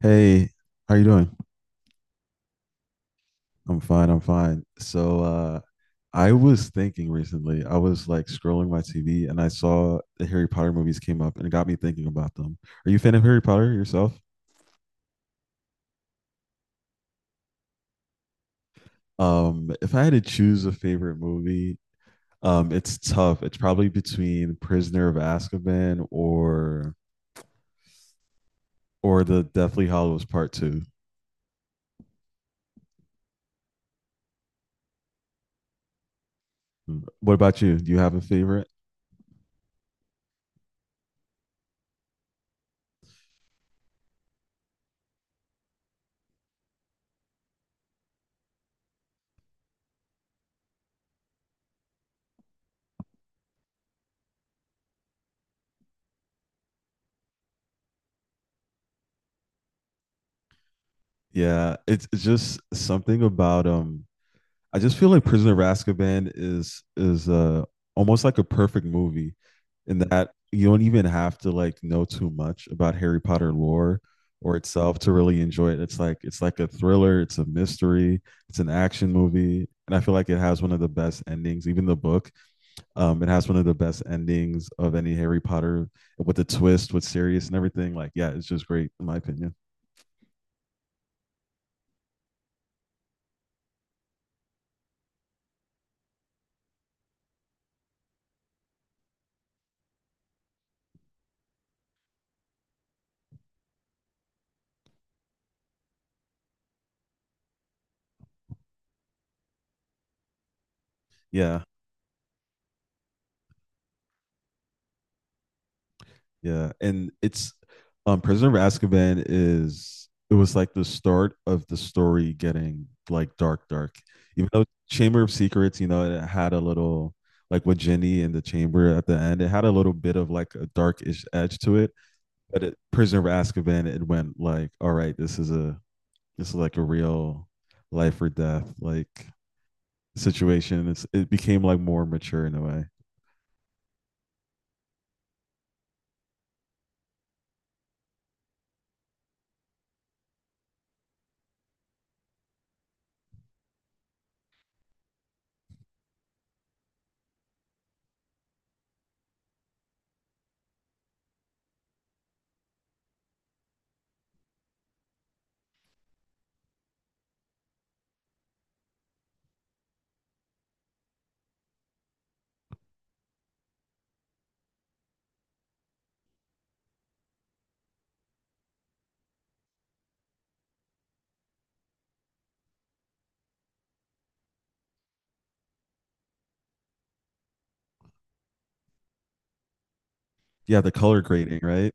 Hey, how you doing? I'm fine, I'm fine. So I was thinking recently, I was like scrolling my TV and I saw the Harry Potter movies came up and it got me thinking about them. Are you a fan of Harry Potter yourself? If I had to choose a favorite movie, it's tough. It's probably between Prisoner of Azkaban or the Deathly Hallows Part Two. What about you? Do you have a favorite? Yeah, it's just something about I just feel like Prisoner of Azkaban is almost like a perfect movie in that you don't even have to like know too much about Harry Potter lore or itself to really enjoy it. It's like a thriller, it's a mystery, it's an action movie, and I feel like it has one of the best endings. Even the book, it has one of the best endings of any Harry Potter with the twist with Sirius and everything. Like, yeah, it's just great in my opinion. Yeah. Yeah, and it's, Prisoner of Azkaban, is it was like the start of the story getting like dark, dark. Even though Chamber of Secrets, it had a little, like, with Ginny in the chamber at the end, it had a little bit of like a darkish edge to it. But it, Prisoner of Azkaban, it went like, all right, this is like a real life or death like situation. It became like more mature in a way. Yeah, the color grading, right?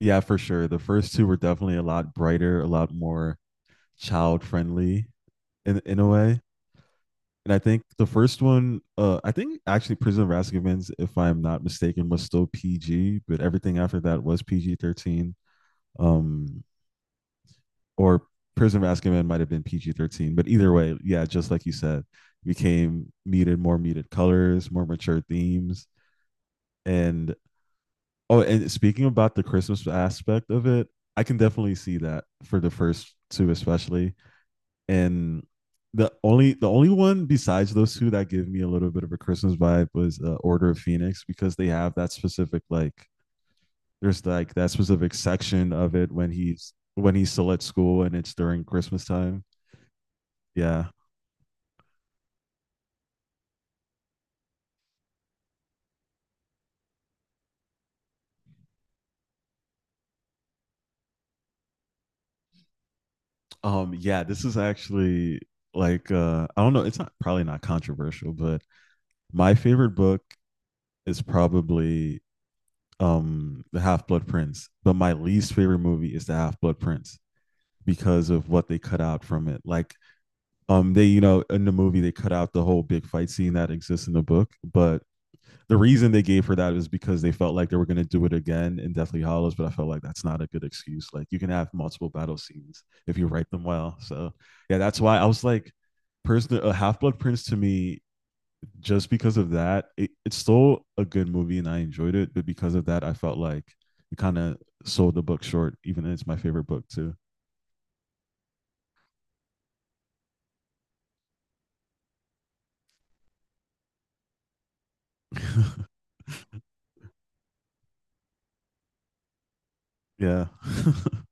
Yeah, for sure. The first two were definitely a lot brighter, a lot more child friendly in a way. And I think the first one, I think actually Prison of Azkaban's, if I'm not mistaken, was still PG, but everything after that was PG-13. Um, or Prison of Azkaban might have been PG-13, but either way, yeah, just like you said, became muted, more muted colors, more mature themes, and oh, and speaking about the Christmas aspect of it, I can definitely see that for the first two especially. And the only one besides those two that give me a little bit of a Christmas vibe was Order of Phoenix because they have that specific like there's like that specific section of it when he's still at school and it's during Christmas time. Yeah. Yeah, this is actually like, I don't know, it's not, probably not controversial, but my favorite book is probably the Half Blood Prince, but my least favorite movie is the Half Blood Prince because of what they cut out from it. Like, they, in the movie they cut out the whole big fight scene that exists in the book, but the reason they gave for that is because they felt like they were going to do it again in Deathly Hallows. But I felt like that's not a good excuse. Like, you can have multiple battle scenes if you write them well. So yeah, that's why I was like, person, a Half Blood Prince to me, just because of that, it's still a good movie and I enjoyed it. But because of that, I felt like it kind of sold the book short, even though it's my favorite book too. Yeah.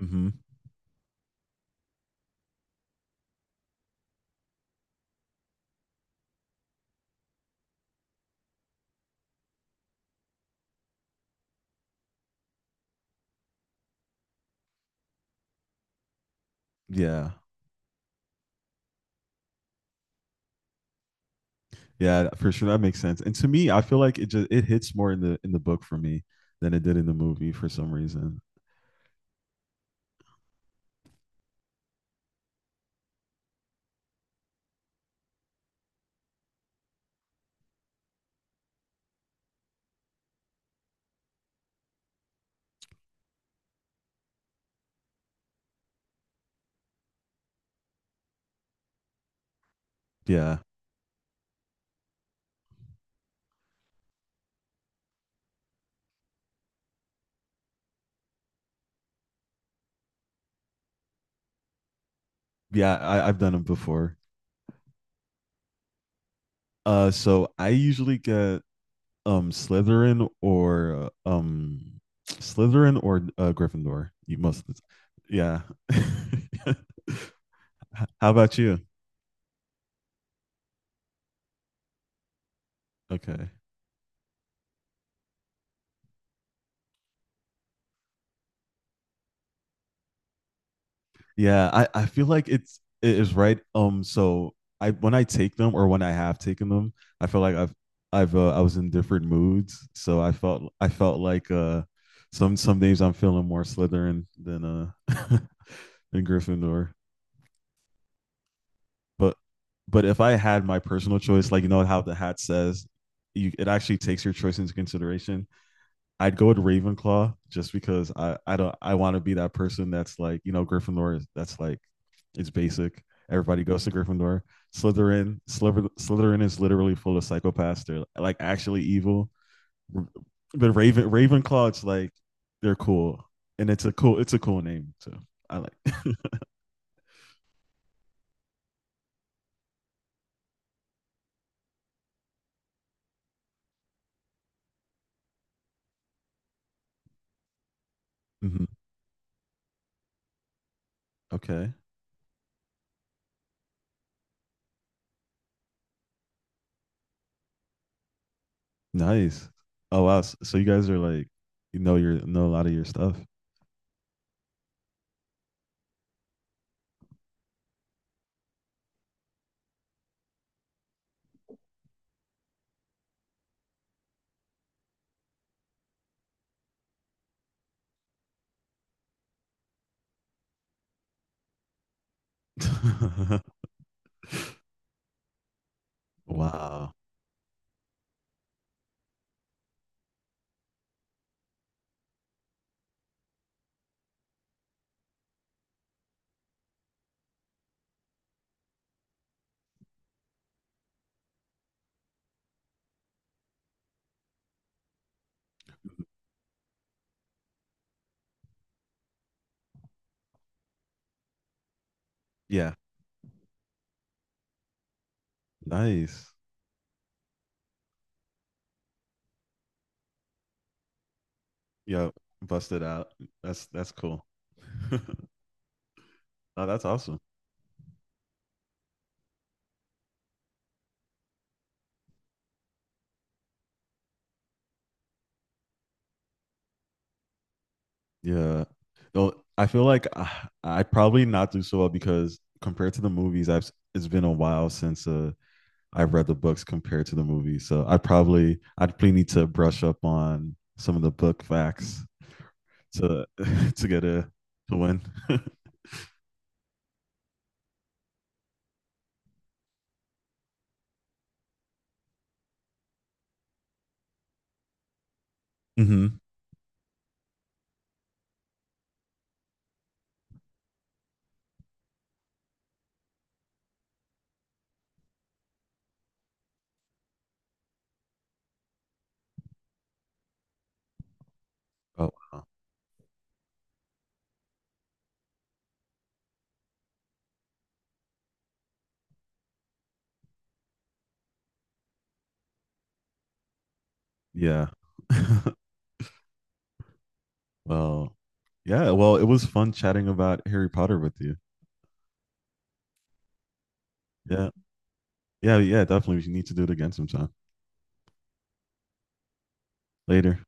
Hmm. Yeah. Yeah, for sure. That makes sense. And to me, I feel like it hits more in the book for me than it did in the movie for some reason. Yeah. Yeah, I've done them before. So I usually get, um Slytherin or uh, um Slytherin or, Gryffindor. You, most of the time. Yeah. How about you? Okay. Yeah, I feel like it is right. So I when I take them or when I have taken them, I feel like I was in different moods. So I felt like, some days I'm feeling more Slytherin than than Gryffindor. But but if I had my personal choice, like, you know how the hat says, you it actually takes your choice into consideration. I'd go with Ravenclaw just because I don't I want to be that person that's like, Gryffindor. That's, like, it's basic. Everybody goes to Gryffindor. Slytherin is literally full of psychopaths. They're like actually evil. But Ravenclaw, it's like, they're cool, and it's a cool name too. I like. Okay. Nice. Oh wow. So you guys, are like, your know a lot of your stuff. Wow. Yeah. Nice. Yep. Busted out. That's cool. Oh, that's awesome. Yeah. Though I feel like I probably not do so well because, compared to the movies, it's been a while since I've read the books compared to the movies. So I'd probably need to brush up on some of the book facts to to get a to win. Mhm. Oh, yeah. Well, yeah. Well, it was fun chatting about Harry Potter with you. Yeah. Yeah. Yeah. Definitely. We need to do it again sometime later.